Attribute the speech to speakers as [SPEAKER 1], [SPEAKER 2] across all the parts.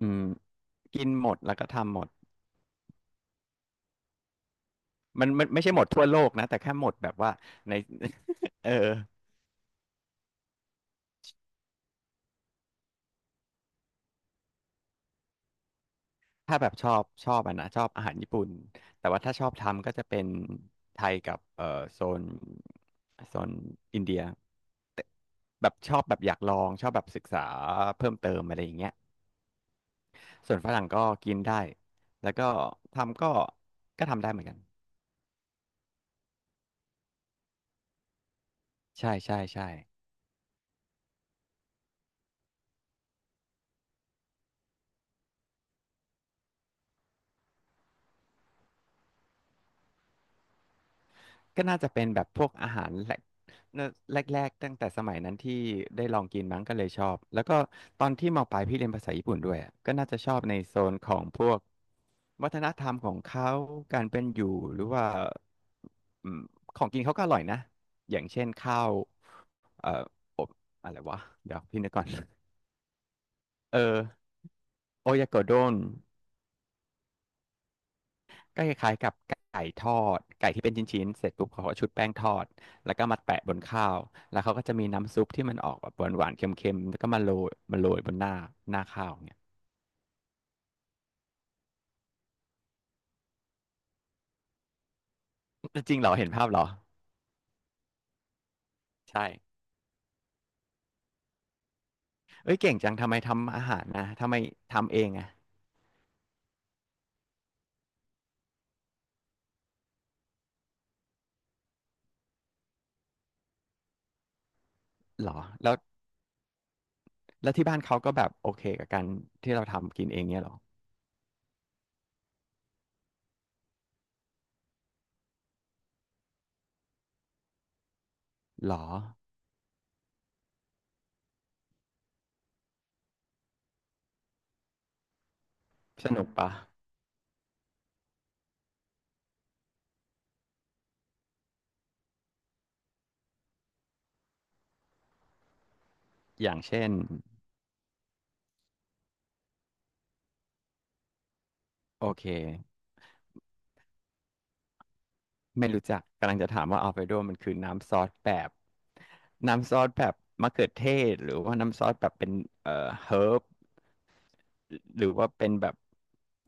[SPEAKER 1] อืมกินหมดแล้วก็ทำหมดมันไม่ใช่หมดทั่วโลกนะแต่แค่หมดแบบว่าใน เออถ้าแบบชอบอ่ะนะชอบอาหารญี่ปุ่นแต่ว่าถ้าชอบทำก็จะเป็นไทยกับโซนโซนอินเดียแต่แบบชอบแบบอยากลองชอบแบบศึกษาเพิ่มเติมอะไรอย่างเงี้ยส่วนฝรั่งก็กินได้แล้วก็ทำก็ทำได้เหมือนกันใช่ใช่ใช่ ก็น่าจะเป็นแบบพวกอาหารแรกๆตั้งแต่สมัยนั้นที่ได้ลองกินมั้งก็เลยชอบแล้วก็ตอนที่มปลายพี่เรียนภาษาญี่ปุ่นด้วยอะก็น่าจะชอบในโซนของพวกวัฒนธรรมของเขาการเป็นอยู่หรือว่าอืมของกินเขาก็อร่อยนะอย่างเช่นข้าวเอ่ออบอะไรวะเดี๋ยวพี่นึกก่อนเออโอยากโดน ก็คล้ายๆกับไก่ทอดไก่ที่เป็นชิ้นๆเสร็จปุ๊บเขาก็ชุบแป้งทอดแล้วก็มาแปะบนข้าวแล้วเขาก็จะมีน้ำซุปที่มันออกแบบหวานๆเค็มๆแล้วก็มาโรยบนหน้าหน้าข้าวเนี่ยจริงเหรอเห็นภาพเหรอใช่เอ้ยเก่งจังทำไมทำอาหารนะทำไมทำเองอะเหรอแล้วแล้วที่บ้านเขาก็แบบโอเคกับการที่เราทำกินเองเนี่ยเหรอหรอสนุกปะอย่างเช่นโอเค ไม่รู้จักกำลังจะถามว่าอัลเฟรโดมันคือน้ำซอสแบบน้ำซอสแบบมะเขือเทศหรือว่าน้ำซอสแบบเป็นเอ่อเฮิร์บหรือว่าเป็นแบบ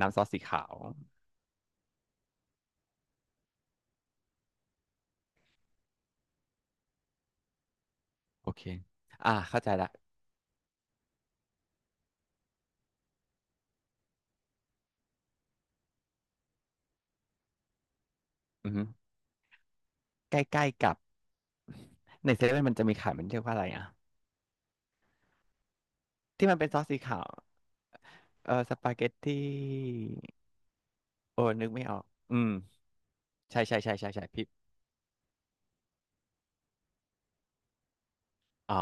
[SPEAKER 1] น้ำซอสสีขาวโอเคอ่าเข้าใจละอือฮึใกล้ๆกับในเซเว่นมันจะมีขายมันเรียกว่าอะไรอ่ะที่มันเป็นซอสสีขาวเออสปาเกตตี้โอ้นึกไม่ออกอืมใช่ใช่ใช่ใช่ใช่พี่อ๋อ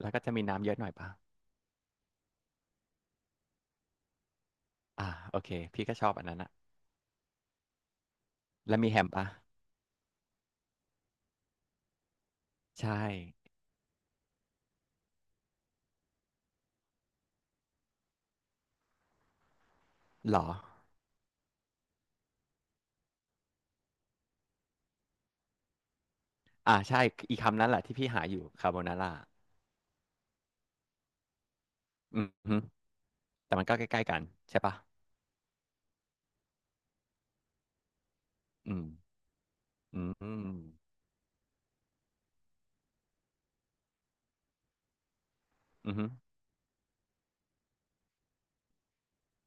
[SPEAKER 1] แล้วก็จะมีน้ำเยอะหน่อยป่ะอ่าโอเคพี่ก็ชอบอันนั้นอะแล้วมีแฮมป่ะใช่ เหรออ่าใช่อีกคำนั้นแหละที่พี่หาอยู่คาโบนาร่าอืมฮึแต่มันก็ใกล้ๆกันใช่ปะอืมอืมอืมอืมฮึ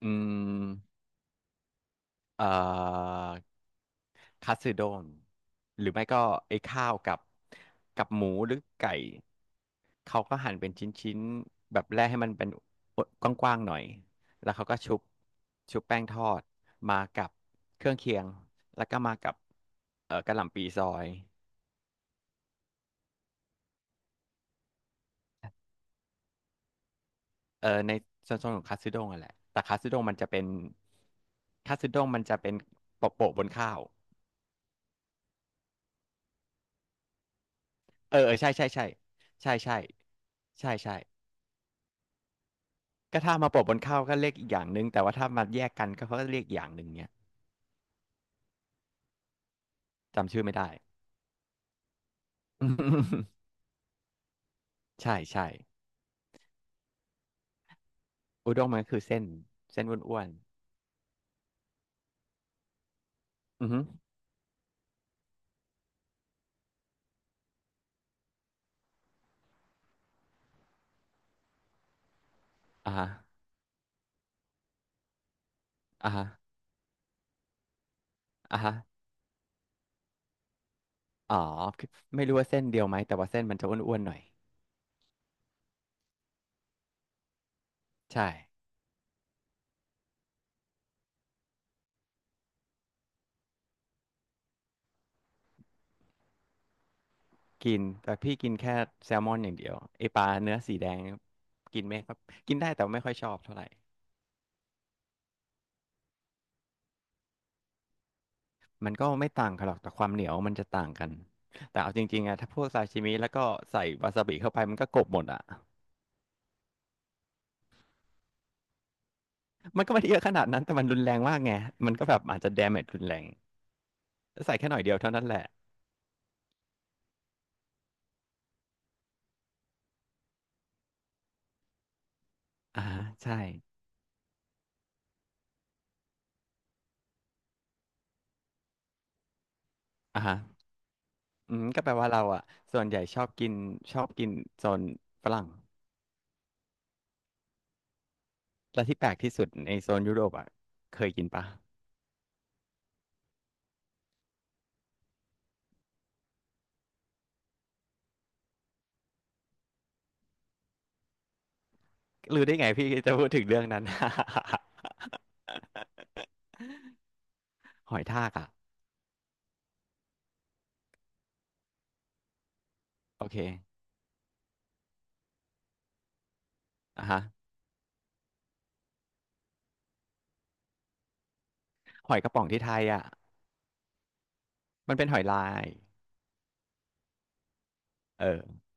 [SPEAKER 1] อืมเอ่อคัตสึโดน หรือไม่ก็ไอ้ข้าวกับกับหมูหรือไก่ เขาก็หั่นเป็นชิ้นๆแบบแรกให้มันเป็นกว้างๆหน่อย แล้วเขาก็ชุบแป้งทอดมากับเครื่องเคียง แล้วก็มากับกะหล่ำปีซอย เออในโซนของคัตสึด้งอะแหละแต่คัตสึด้งมันจะเป็นคัตสึด้งมันจะเป็นโปะบนข้าวเออเออใช่ใช่ใช่ใช่ใช่ใช่ใช่ก็ถ้ามาโปะบนข้าวก็เรียกอีกอย่างหนึ่งแต่ว่าถ้ามาแยกกันก็เขาก็เรียกอีกอย่างหนึ่งเนี้ยจำชื่อไม่ได้ ใช่ใช่อุด้งมันก็คือเส้นเส้นอ้วนๆอือฮึอ่าฮะอ่าฮะอ่าฮะอ๋อคือไม่รู้ว่าเส้นเดียวไหมแต่ว่าเส้นมันจะอ้วนๆหน่อยใช่ กินแต่พี่กินแค่แซลมอนอย่างเดียวไอปลาเนื้อสีแดงเนี่ยกินไม่ครับกินได้แต่ไม่ค่อยชอบเท่าไหร่มันก็ไม่ต่างกันหรอกแต่ความเหนียวมันจะต่างกันแต่เอาจริงๆอะถ้าพวกซาชิมิแล้วก็ใส่วาซาบิเข้าไปมันก็กลบหมดอะมันก็ไม่ได้เยอะขนาดนั้นแต่มันรุนแรงมากไงมันก็แบบอาจจะ damage รุนแรงใส่แค่หน่อยเดียวเท่านั้นแหละอ่าฮะใช่อ่าฮะอืมก็แปลว่าเราอะส่วนใหญ่ชอบกินชอบกินโซนฝรั่งและที่แปลกที่สุดในโซนยุโรปอะเคยกินปะ รู้ได้ไงพี่จะพูดถึงเรื่องนั้น หอยทากอ่ะโอเคอ่ะฮะหอยกระป๋องที่ไทยอ่ะมันเป็นหอยลายเออ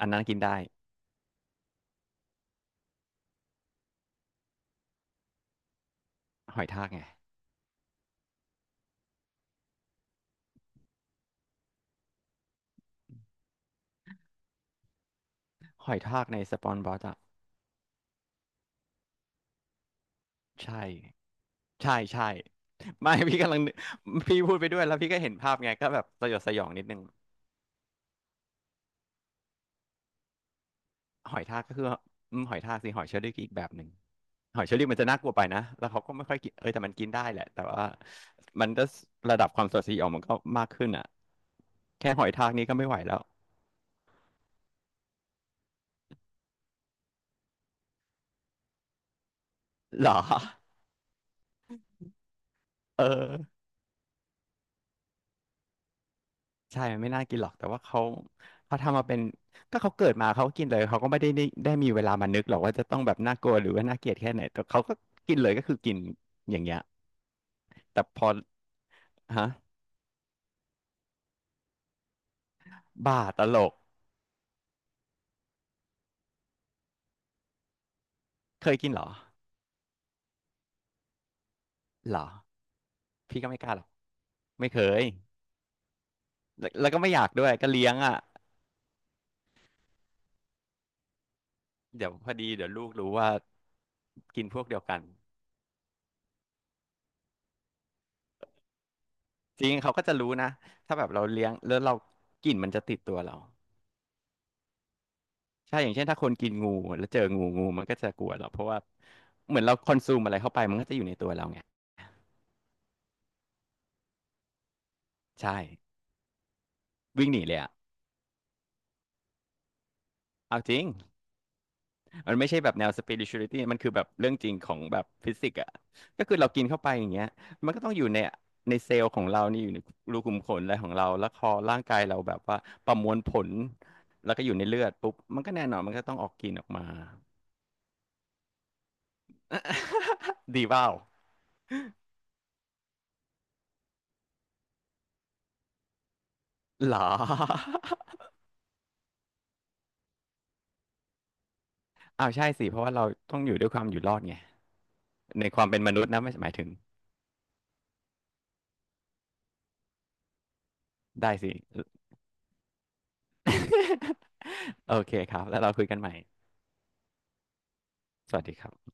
[SPEAKER 1] อันนั้นกินได้หอยทากไงหอยทากในสปอนบอสอ่ะใช่ใช่ใช่ไม่ พี่กำลังนึกพี่พูดไปด้วยแล้วพี่ก็เห็นภาพไงก็แบบสยดสยองนิดนึง หอยทากก็คืออืมหอยทากสิหอยเชอรี่ก็อีกแบบหนึ่งหอยเชอรี่มันจะน่ากลัวไปนะแล้วเขาก็ไม่ค่อยกินเออแต่มันกินได้แหละแต่ว่ามันก็ระดับความสดสีออกมันก็มากขึ้นอ่ะแค่หอยทากนี้ก็ไม่ไหวแล้วเหรอเออใช่มันไม่น่ากินหรอกแต่ว่าเขาเขาทำมาเป็นก็เขาเกิดมาเขาก็กินเลยเขาก็ไม่ได้มีเวลามานึกหรอกว่าจะต้องแบบน่ากลัวหรือว่าน่าเกลียดแค่ไหนแต่เขาก็กินเลยก็คือกินอย่างเงี้ยแต่พอฮะบ้าตลกเคยกินเหรอเหรอพี่ก็ไม่กล้าหรอก ไม่เคยแล้วแล้วก็ไม่อยากด้วย ก็เลี้ยงอ่ะเดี๋ยวพอดีเดี๋ยวลูกรู้ว่ากินพวกเดียวกัน จริงเขาก็จะรู้นะถ้าแบบเราเลี้ยงแล้วเรากลิ่นมันจะติดตัวเรา ใช่อย่างเช่นถ้าคนกินงูแล้วเจองูงูมันก็จะกลัวเราเพราะว่าเหมือนเราคอนซูมอะไรเข้าไปมันก็จะอยู่ในตัวเราไงใช่วิ่งหนีเลยอ่ะเอาจริง มันไม่ใช่แบบแนว spirituality มันคือแบบเรื่องจริงของแบบฟิสิกส์อ่ะก็คือเรากินเข้าไปอย่างเงี้ยมันก็ต้องอยู่ในในเซลล์ของเรานี่อยู่ในรูขุมขนอะไรของเราแล้วพอร่างกายเราแบบว่าประมวลผลแล้วก็อยู่ในเลือดปุ๊บมันก็แน่นอนมันก็ต้องออกกลิ่นออกมา ดีเปล่าเหรออ้าวใช่สิ เพราะว่าเราต้องอยู่ด้วยความอยู่รอดไงในความเป็นมนุษย์นะไม่หมายถึงได้สิ โอเคครับแล้วเราคุยกันใหม่สวัสดีครับ